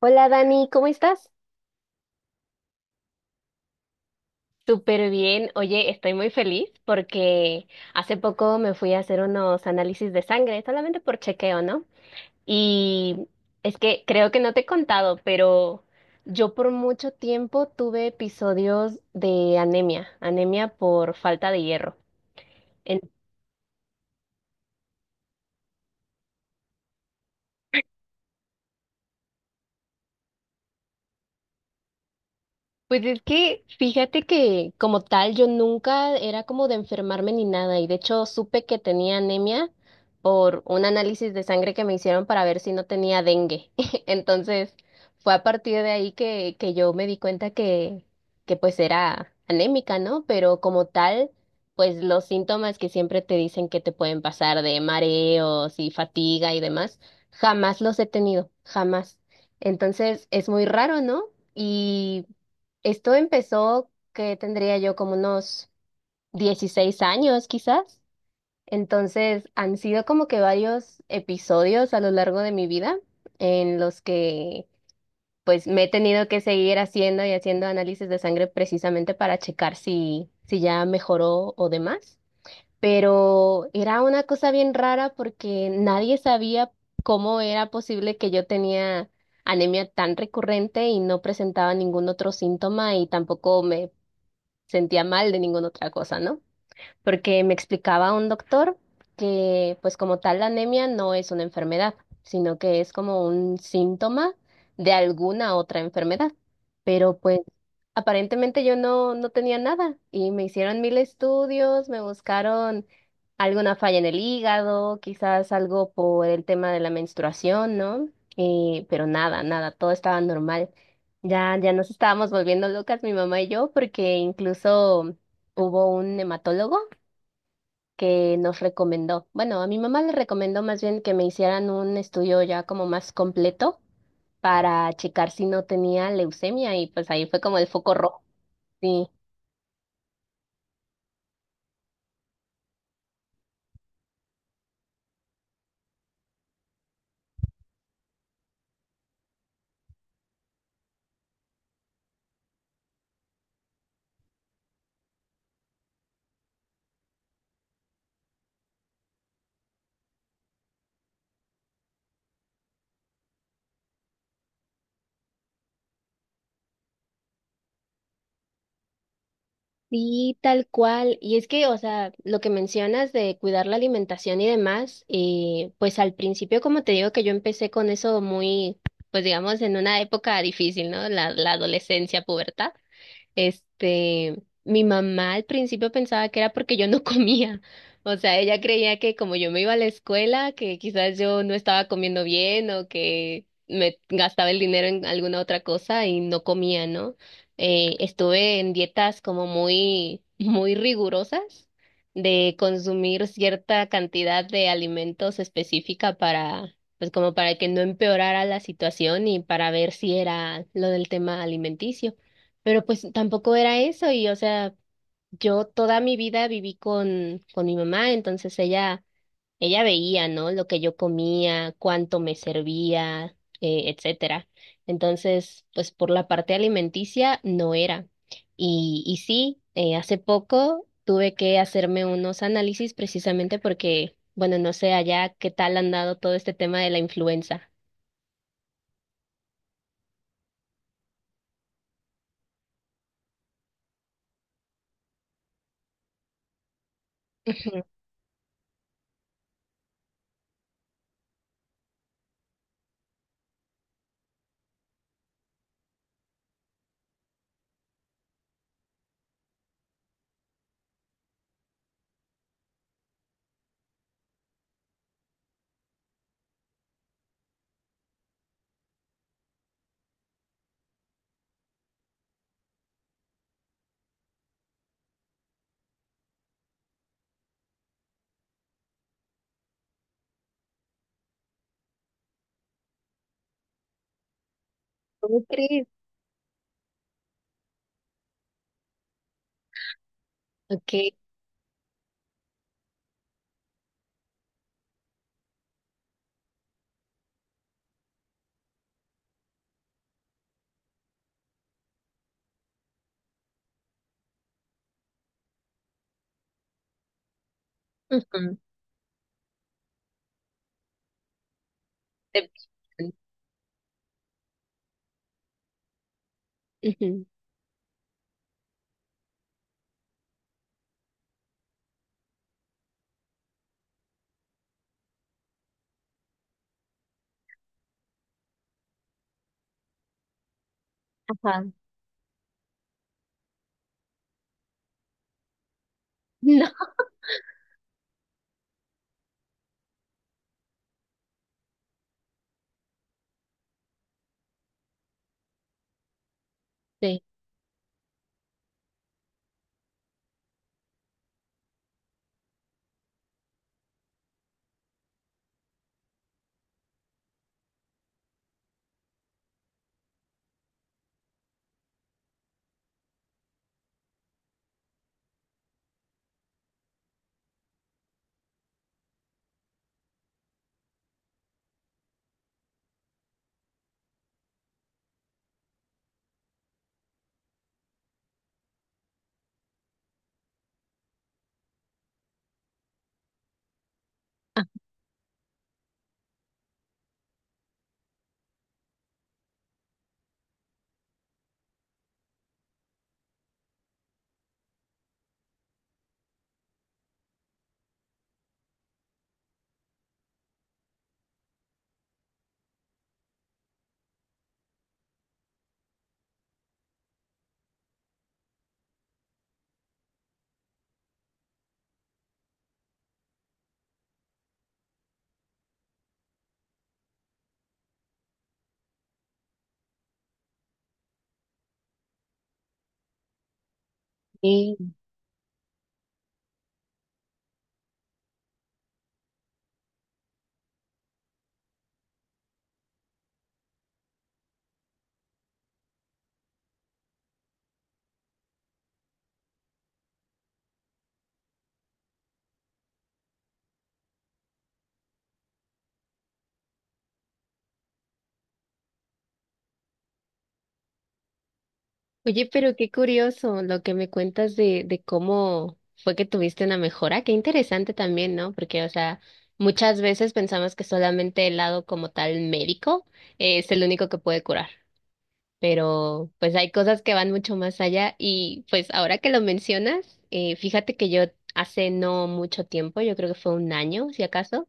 Hola Dani, ¿cómo estás? Súper bien. Oye, estoy muy feliz porque hace poco me fui a hacer unos análisis de sangre, solamente por chequeo, ¿no? Y es que creo que no te he contado, pero yo por mucho tiempo tuve episodios de anemia, anemia por falta de hierro. Pues es que fíjate que como tal yo nunca era como de enfermarme ni nada y de hecho supe que tenía anemia por un análisis de sangre que me hicieron para ver si no tenía dengue. Entonces fue a partir de ahí que yo me di cuenta que pues era anémica, ¿no? Pero como tal, pues los síntomas que siempre te dicen que te pueden pasar de mareos y fatiga y demás, jamás los he tenido, jamás. Entonces es muy raro, ¿no? Y esto empezó que tendría yo como unos 16 años quizás. Entonces han sido como que varios episodios a lo largo de mi vida en los que pues me he tenido que seguir haciendo y haciendo análisis de sangre precisamente para checar si ya mejoró o demás. Pero era una cosa bien rara porque nadie sabía cómo era posible que yo tenía anemia tan recurrente y no presentaba ningún otro síntoma y tampoco me sentía mal de ninguna otra cosa, ¿no? Porque me explicaba un doctor que pues como tal la anemia no es una enfermedad, sino que es como un síntoma de alguna otra enfermedad. Pero pues aparentemente yo no tenía nada y me hicieron mil estudios, me buscaron alguna falla en el hígado, quizás algo por el tema de la menstruación, ¿no? Pero nada, nada, todo estaba normal. Ya, ya nos estábamos volviendo locas mi mamá y yo, porque incluso hubo un hematólogo que nos recomendó. Bueno, a mi mamá le recomendó más bien que me hicieran un estudio ya como más completo para checar si no tenía leucemia y pues ahí fue como el foco rojo. Sí. Sí, tal cual. Y es que, o sea, lo que mencionas de cuidar la alimentación y demás, pues al principio, como te digo, que yo empecé con eso muy, pues digamos, en una época difícil, ¿no? La adolescencia, pubertad. Este, Mi mamá al principio pensaba que era porque yo no comía. O sea, ella creía que como yo me iba a la escuela, que quizás yo no estaba comiendo bien o que me gastaba el dinero en alguna otra cosa y no comía, ¿no? Estuve en dietas como muy, muy rigurosas de consumir cierta cantidad de alimentos específica para, pues como para que no empeorara la situación y para ver si era lo del tema alimenticio. Pero pues tampoco era eso y o sea, yo toda mi vida viví con mi mamá, entonces ella veía, ¿no? Lo que yo comía, cuánto me servía, etcétera. Entonces, pues por la parte alimenticia no era. Y sí, hace poco tuve que hacerme unos análisis precisamente porque, bueno, no sé allá qué tal han dado todo este tema de la influenza. Ujú. ¿Cómo crees? Okay. Ujú. Pican. Ujú. Ajá. No te creo. Oye, pero qué curioso lo que me cuentas de, cómo fue que tuviste una mejora. Qué interesante también, ¿no? Porque, o sea, muchas veces pensamos que solamente el lado como tal médico es el único que puede curar. Pero, pues hay cosas que van mucho más allá. Y, pues, ahora que lo mencionas, fíjate que yo hace no mucho tiempo, yo creo que fue un año, si acaso.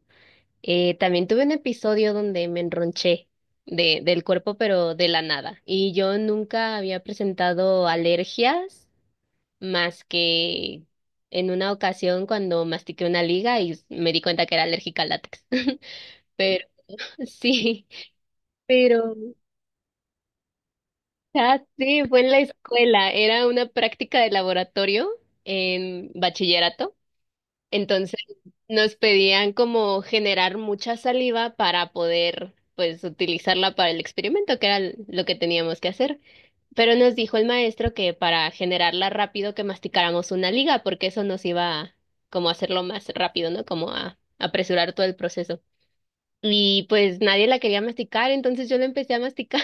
También tuve un episodio donde me enronché del cuerpo, pero de la nada. Y yo nunca había presentado alergias más que en una ocasión cuando mastiqué una liga y me di cuenta que era alérgica al látex. Pero sí, pero sí, fue en la escuela. Era una práctica de laboratorio en bachillerato. Entonces nos pedían como generar mucha saliva para poder pues utilizarla para el experimento, que era lo que teníamos que hacer. Pero nos dijo el maestro que para generarla rápido que masticáramos una liga, porque eso nos iba como a hacerlo más rápido, ¿no? Como a apresurar todo el proceso. Y pues nadie la quería masticar, entonces yo la empecé a masticar.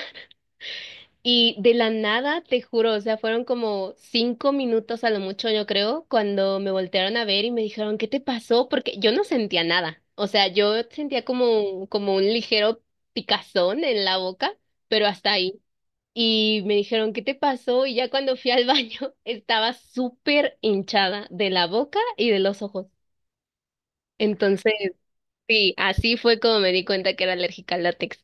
Y de la nada, te juro, o sea, fueron como 5 minutos a lo mucho, yo creo, cuando me voltearon a ver y me dijeron, ¿qué te pasó? Porque yo no sentía nada. O sea, yo sentía como un ligero picazón en la boca, pero hasta ahí. Y me dijeron, ¿qué te pasó? Y ya cuando fui al baño, estaba súper hinchada de la boca y de los ojos. Entonces, sí, así fue como me di cuenta que era alérgica al látex.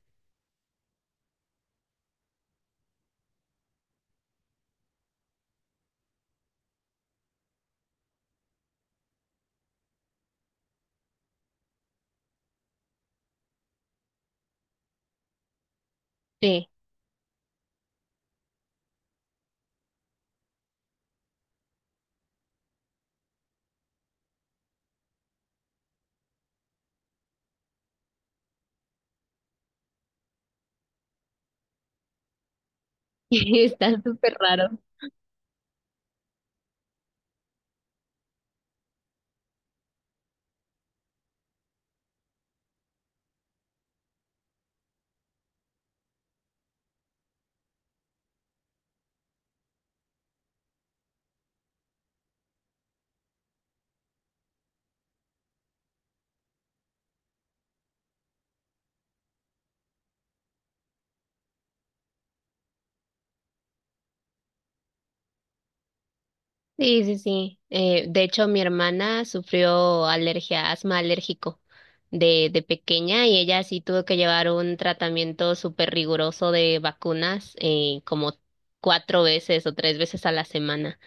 Sí, está súper raro. Sí, sí, sí. De hecho, mi hermana sufrió alergia, asma alérgico de, pequeña y ella sí tuvo que llevar un tratamiento súper riguroso de vacunas como cuatro veces o tres veces a la semana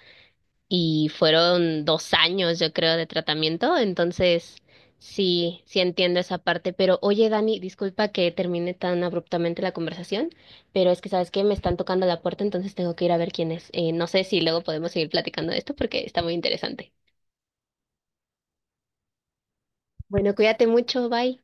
y fueron 2 años, yo creo, de tratamiento, entonces sí, sí entiendo esa parte, pero oye, Dani, disculpa que termine tan abruptamente la conversación, pero es que sabes que me están tocando la puerta, entonces tengo que ir a ver quién es. No sé si luego podemos seguir platicando de esto porque está muy interesante. Bueno, cuídate mucho, bye.